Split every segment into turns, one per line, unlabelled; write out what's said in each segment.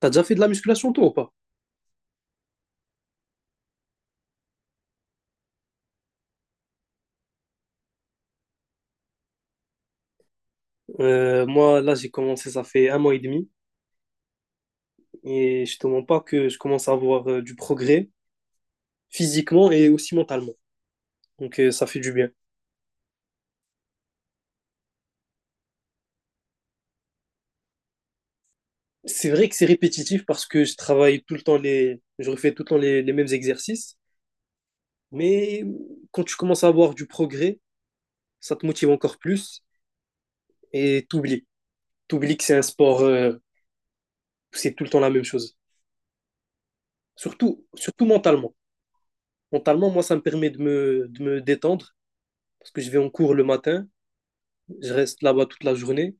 T'as déjà fait de la musculation toi ou pas? Moi là j'ai commencé ça fait 1 mois et demi et je te mens pas que je commence à avoir du progrès physiquement et aussi mentalement. Donc ça fait du bien. C'est vrai que c'est répétitif parce que je travaille tout le temps je refais tout le temps les mêmes exercices, mais quand tu commences à avoir du progrès, ça te motive encore plus et t'oublies. T'oublies que c'est un sport, c'est tout le temps la même chose. Surtout, surtout mentalement. Mentalement, moi ça me permet de de me détendre parce que je vais en cours le matin. Je reste là-bas toute la journée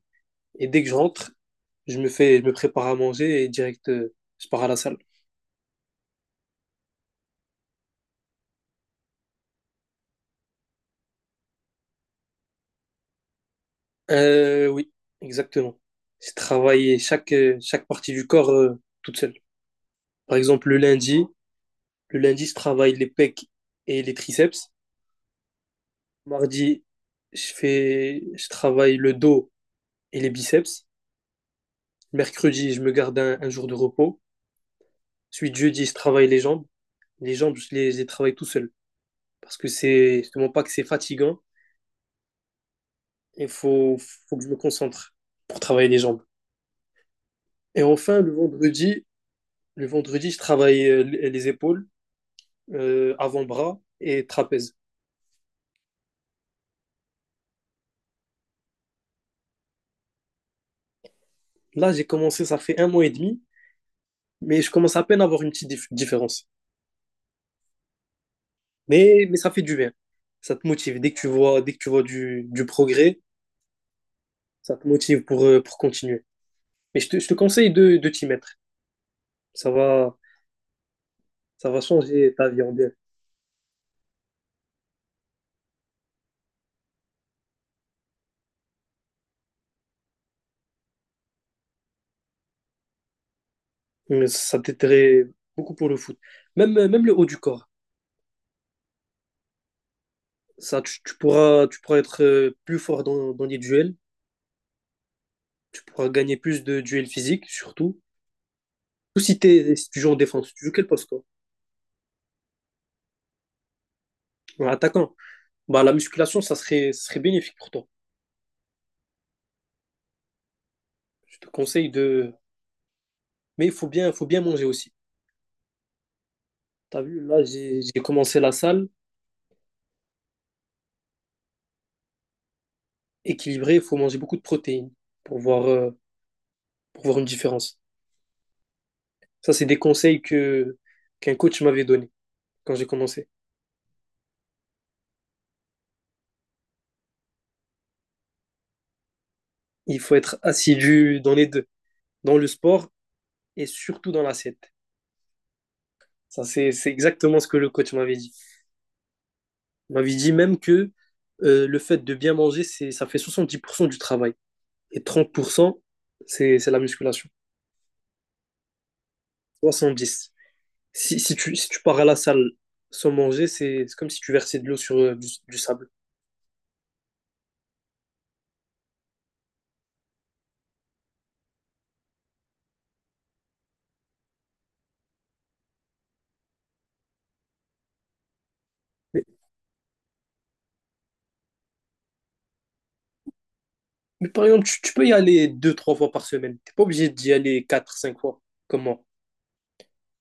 et dès que je rentre, je me prépare à manger et direct, je pars à la salle. Oui, exactement. J'ai travaillé chaque partie du corps toute seule. Par exemple, le lundi, je travaille les pecs et les triceps. Mardi, je travaille le dos et les biceps. Mercredi, je me garde un jour de repos. Ensuite, jeudi, je travaille les jambes. Les jambes, je les travaille tout seul. Parce que c'est justement pas que c'est fatigant. Il faut, faut que je me concentre pour travailler les jambes. Et enfin, le vendredi, je travaille les épaules, avant-bras et trapèze. Là, j'ai commencé, ça fait un mois et demi, mais je commence à peine à avoir une petite différence. Mais ça fait du bien. Ça te motive. Dès que tu vois du progrès, ça te motive pour continuer. Je te conseille de t'y mettre. Ça va, ça va changer ta vie en bien. Mais ça t'aiderait beaucoup pour le foot. Même, même le haut du corps. Tu pourras être plus fort dans les duels. Tu pourras gagner plus de duels physiques, surtout. Ou si tu joues en défense, tu joues quel poste, toi? En attaquant. Bah, la musculation, ça serait bénéfique pour toi. Je te conseille de. Mais faut bien manger aussi. T'as vu, là, j'ai commencé la salle. Équilibré, il faut manger beaucoup de protéines pour voir, euh, pour voir une différence. Ça, c'est des conseils qu'un coach m'avait donné quand j'ai commencé. Il faut être assidu dans les deux, dans le sport et surtout dans l'assiette. Ça, c'est exactement ce que le coach m'avait dit. Il m'avait dit même que le fait de bien manger, ça fait 70% du travail. Et 30%, c'est la musculation. 70. Si tu pars à la salle sans manger, c'est comme si tu versais de l'eau sur du sable. Mais, mais par exemple, tu peux y aller deux, trois fois par semaine. T'es pas obligé d'y aller quatre, cinq fois. Comment?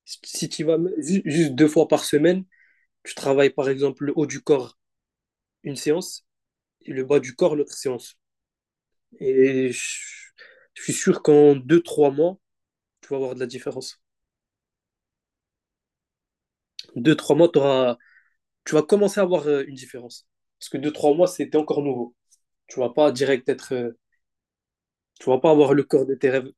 Si si tu y vas ju- juste deux fois par semaine, tu travailles par exemple le haut du corps une séance et le bas du corps l'autre séance. Et je, je suis sûr qu'en deux trois mois, tu vas avoir de la différence. Deux trois mois, tu vas commencer à avoir une différence. Parce que deux trois mois, c'était encore nouveau. Tu vas pas direct être. Tu vas pas avoir le corps de tes rêves.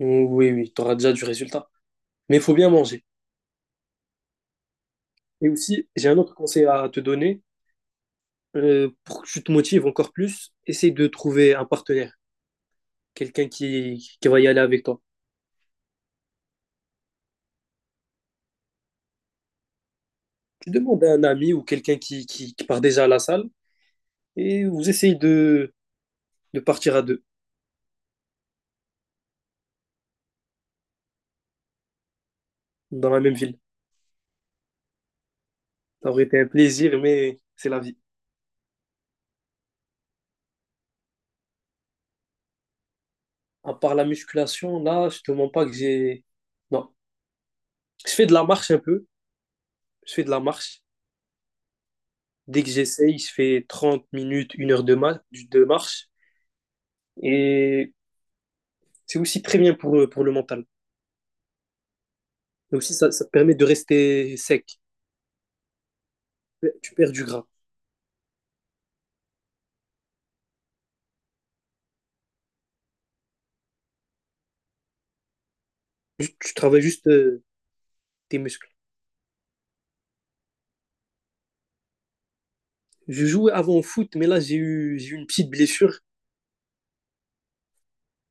Oui, oui, tu auras déjà du résultat. Mais il faut bien manger. Et aussi, j'ai un autre conseil à te donner. Pour que tu te motives encore plus, essaye de trouver un partenaire, quelqu'un qui va y aller avec toi. Tu demandes à un ami ou quelqu'un qui part déjà à la salle et vous essayez de partir à deux. Dans la même ville. Ça aurait été un plaisir, mais c'est la vie. À part la musculation, là, je te mens pas que j'ai. Non. Je fais de la marche un peu. Je fais de la marche. Dès que j'essaye, je fais 30 minutes, une heure de marche. Et c'est aussi très bien pour le mental. Et aussi, ça te permet de rester sec. Tu perds du gras. Tu travailles juste tes muscles. Je jouais avant au foot, mais là, j'ai eu une petite blessure.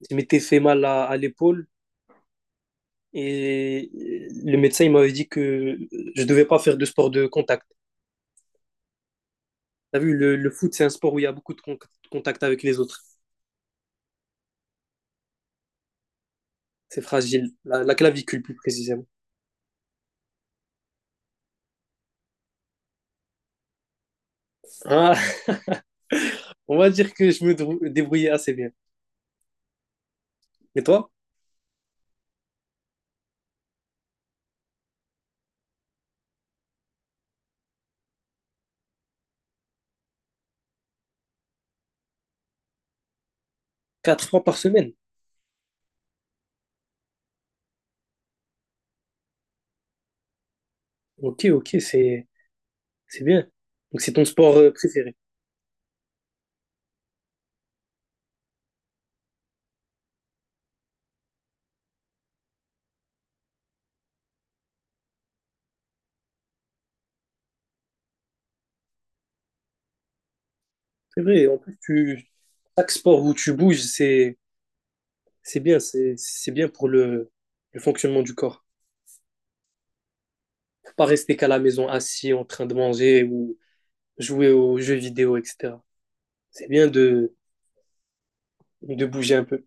Je m'étais fait mal à l'épaule. Et le médecin, il m'avait dit que je devais pas faire de sport de contact. T'as vu, le foot, c'est un sport où il y a beaucoup de contact avec les autres. C'est fragile. La clavicule, plus précisément. Ah, on va dire que je me débrouillais assez bien. Et toi? 4 fois par semaine. Ok, c'est bien. Donc, c'est ton sport préféré. C'est vrai, en plus, tu, chaque sport où tu bouges, c'est bien. C'est bien pour le fonctionnement du corps. Faut pas rester qu'à la maison assis en train de manger ou jouer aux jeux vidéo, etc. C'est bien de bouger un peu.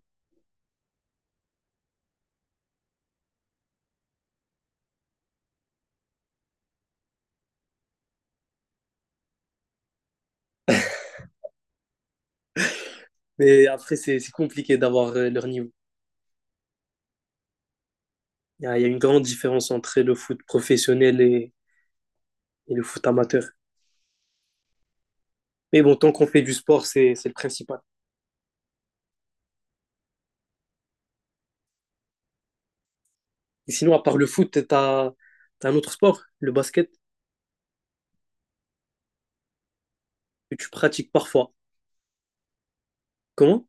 Mais après, c'est compliqué d'avoir leur niveau. Il y a une grande différence entre le foot professionnel et le foot amateur. Mais bon, tant qu'on fait du sport, c'est le principal. Et sinon, à part le foot, t'as un autre sport, le basket, que tu pratiques parfois. Comment?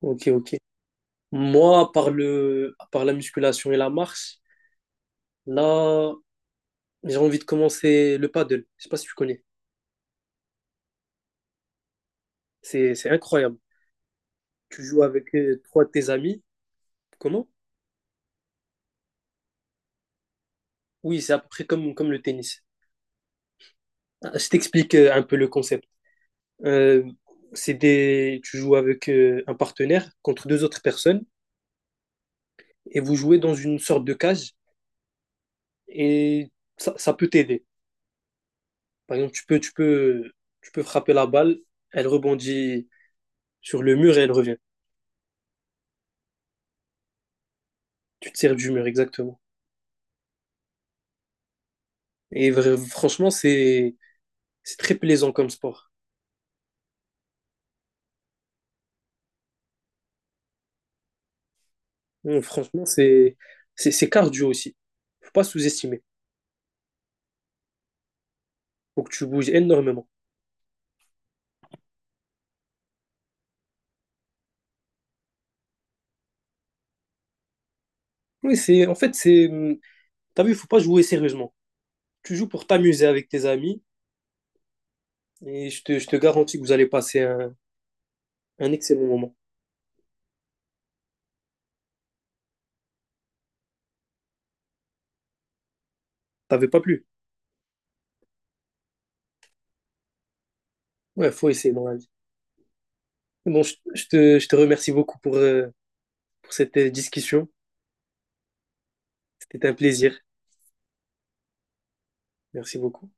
Ok, ok. Moi, à part la musculation et la marche, là, j'ai envie de commencer le paddle. Je sais pas si tu connais. C'est incroyable. Tu joues avec trois de tes amis. Comment? Oui, c'est à peu près comme le tennis. Ah, je t'explique un peu le concept. Euh, tu joues avec un partenaire contre deux autres personnes et vous jouez dans une sorte de cage et ça peut t'aider. Par exemple, tu peux frapper la balle, elle rebondit sur le mur et elle revient. Tu te sers du mur, exactement. Et franchement, c'est très plaisant comme sport. Hum, Franchement, c'est, c'est cardio aussi. Faut pas sous-estimer. Faut que tu bouges énormément. Oui, c'est, en fait, c'est, T'as vu, il faut pas jouer sérieusement. Tu joues pour t'amuser avec tes amis et je te garantis que vous allez passer un excellent moment. T'avais pas plu. Ouais, faut essayer dans la vie. Bon, je te remercie beaucoup pour cette discussion. C'était un plaisir. Merci beaucoup.